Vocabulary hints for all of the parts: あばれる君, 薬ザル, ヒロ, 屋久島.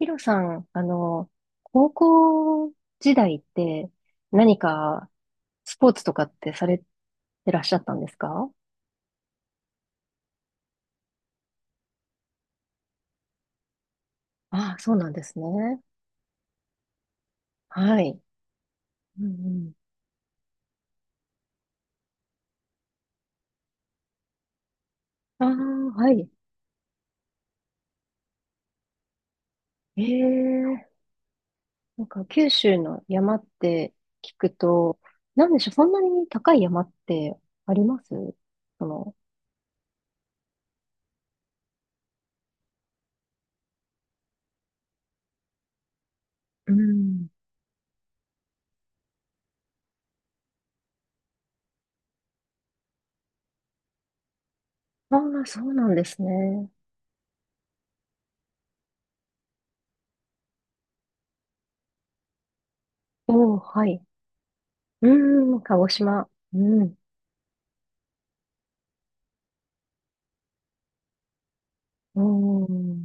ヒロさん、高校時代って何かスポーツとかってされてらっしゃったんですか？ああ、そうなんですね。はい。うんうん。ああ、はい。ええ、なんか九州の山って聞くと、なんでしょう、そんなに高い山ってあります？その、うん。ああ、そうなんですね。おお、はい。うん、鹿児島。うん。おー、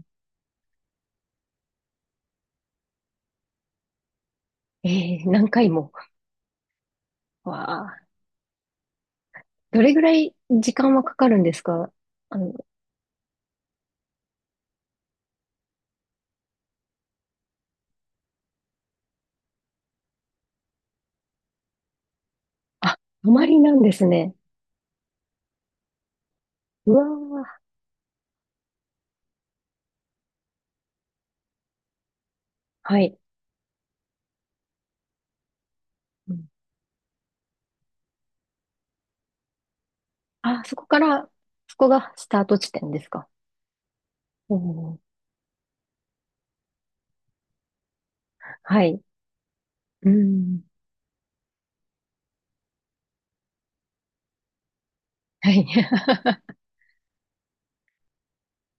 ええ、何回も。わあ、どれぐらい時間はかかるんですか？あの、あ、泊まりなんですね。うわあ、はい。うん、あ、そこから、そこがスタート地点ですか？おおー、はい。うん。はい。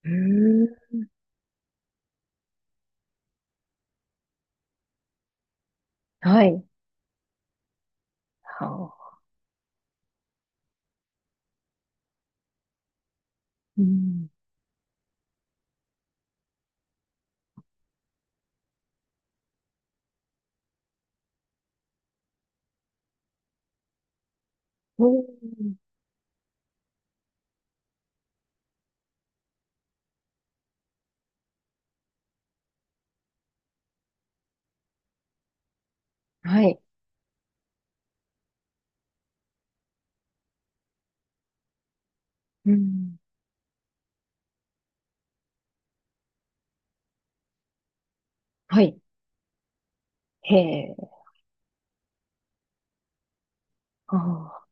うーん。はい。はあ。うん。おー、はい。うん。はい。へえ。ああ。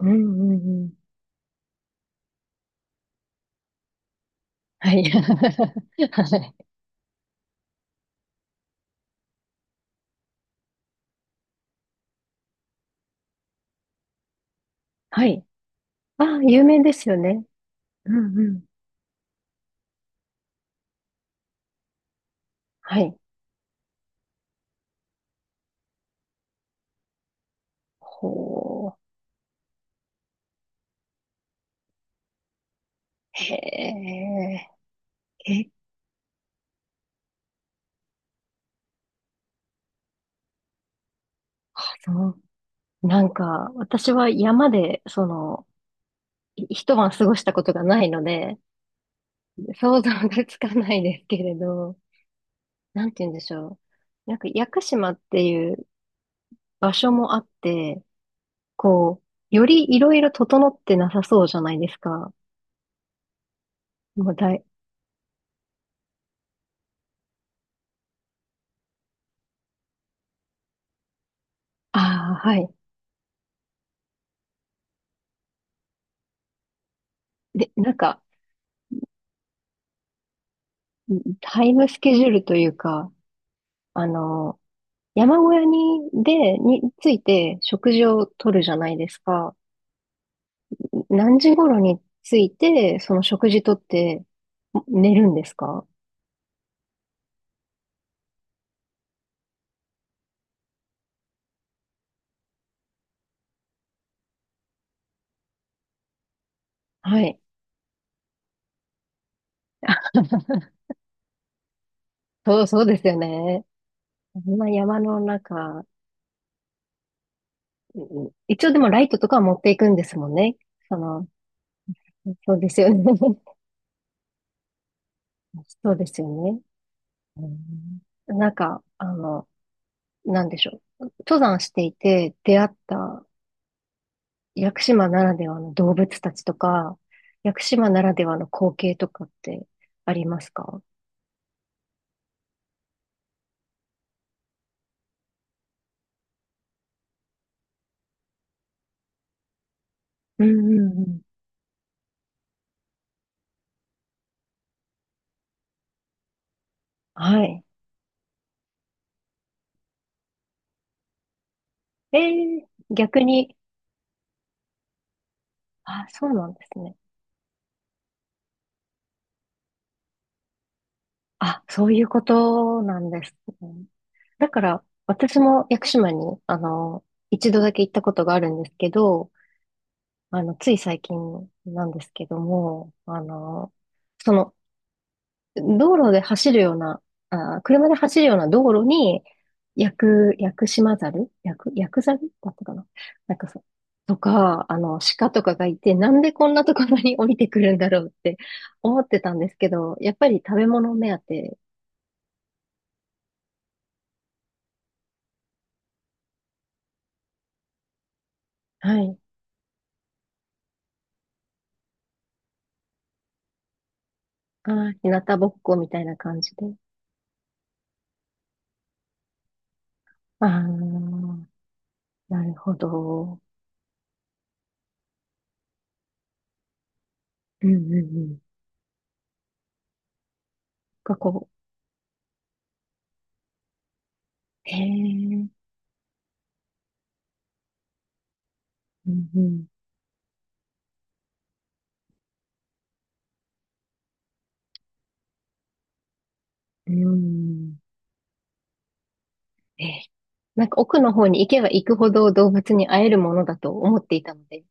うんうんうん。はい。はい。はい。ああ、有名ですよね。うんうん。はい。ほう。へえ、え、そう。なんか、私は山で、その、一晩過ごしたことがないので、想像がつかないですけれど、なんて言うんでしょう。なんか、屋久島っていう場所もあって、こう、よりいろいろ整ってなさそうじゃないですか。もうだい、ああ、はい。で、なんか、タイムスケジュールというか、あの、山小屋に、で、について食事をとるじゃないですか。何時頃に着いて、その食事とって寝るんですか？はい。そう、そうですよね。こんな山の中、うん、一応でもライトとかは持っていくんですもんね。その、そうですよね。そうですよね。うん、なんか、なんでしょう。登山していて出会った屋久島ならではの動物たちとか、屋久島ならではの光景とかってありますか？うんうんうん。はい。ええ、逆に、あ、そうなんですね。あ、そういうことなんですね。だから、私も屋久島に、一度だけ行ったことがあるんですけど、つい最近なんですけども、その、道路で走るような、あー、車で走るような道路に、薬ザルだったかな、なんかそう。とか、鹿とかがいて、なんでこんなところに降りてくるんだろうって思ってたんですけど、やっぱり食べ物目当て、はい。ああ、日向ぼっこみたいな感じで。ああ、なるほど。うんうんうん。がこう、へえ、うんうん、うん。ええ、なんか奥の方に行けば行くほど動物に会えるものだと思っていたので。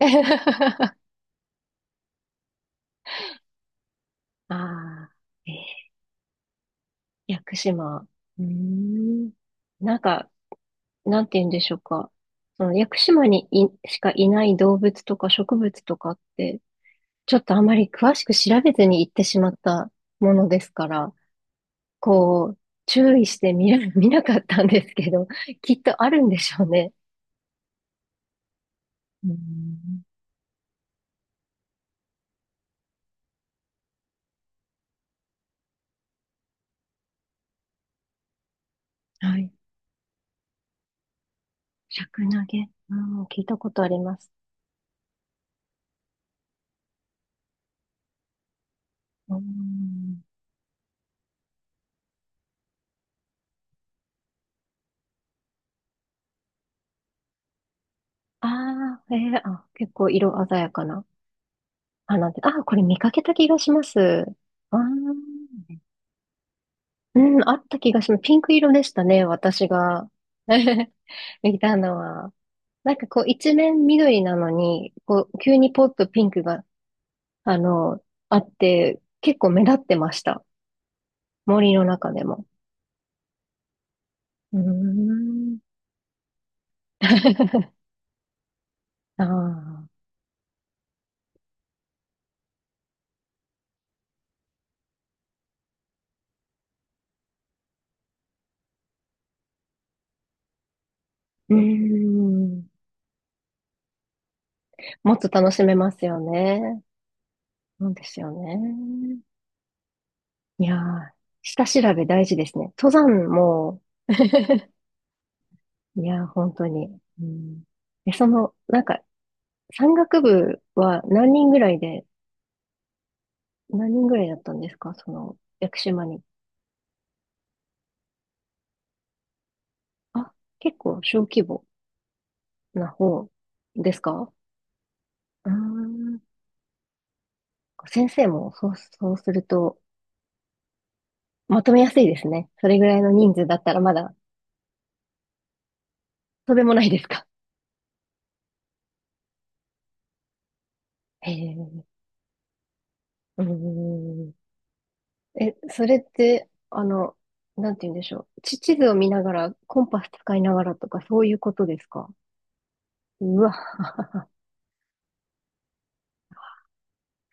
ああ、ええ、屋久島。うーん。なんか、なんて言うんでしょうか。その屋久島にいしかいない動物とか植物とかって、ちょっとあまり詳しく調べずに行ってしまったものですから、こう、注意して見な、見なかったんですけど、きっとあるんでしょうね。うーん。はい。尺投げ。うん、聞いたことあります。うん。ああ、ええ、あ、結構色鮮やかな花で。あ、これ見かけた気がします。ああ、うん、あった気がします。ピンク色でしたね、私が。見たのは。なんかこう一面緑なのに、こう急にポッとピンクが、あの、あって、結構目立ってました。森の中でも。うーん。ああ。うーん。もっと楽しめますよね。そうですよね。いやー、下調べ大事ですね。登山も、いやー、本当に。うん。その、なんか、山岳部は何人ぐらいで、何人ぐらいだったんですか？その、屋久島に。あ、結構小規模な方ですか？うーん。先生も、そう、そうすると、まとめやすいですね。それぐらいの人数だったらまだ、とんでもないですか。へえ。うーん。え、それって、なんて言うんでしょう。地図を見ながら、コンパス使いながらとか、そういうことですか？うわ、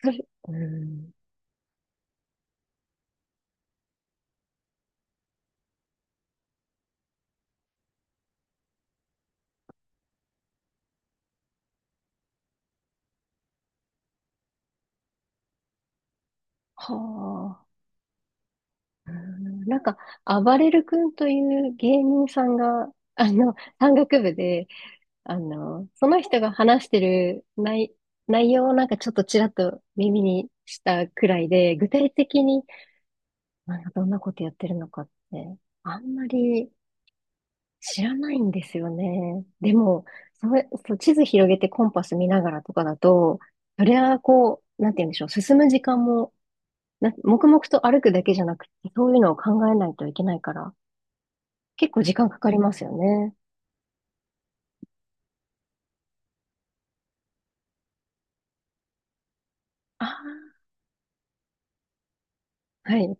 それ、うん、はあ、うん、なんか、あばれる君という芸人さんが、山岳部で、その人が話してる内容をなんかちょっとちらっと耳にしたくらいで、具体的に、なんかどんなことやってるのかって、あんまり、知らないんですよね。でも、それ、そう、地図広げてコンパス見ながらとかだと、それはこう、なんて言うんでしょう、進む時間も、な、黙々と歩くだけじゃなくて、そういうのを考えないといけないから、結構時間かかりますよね。ああ、はい。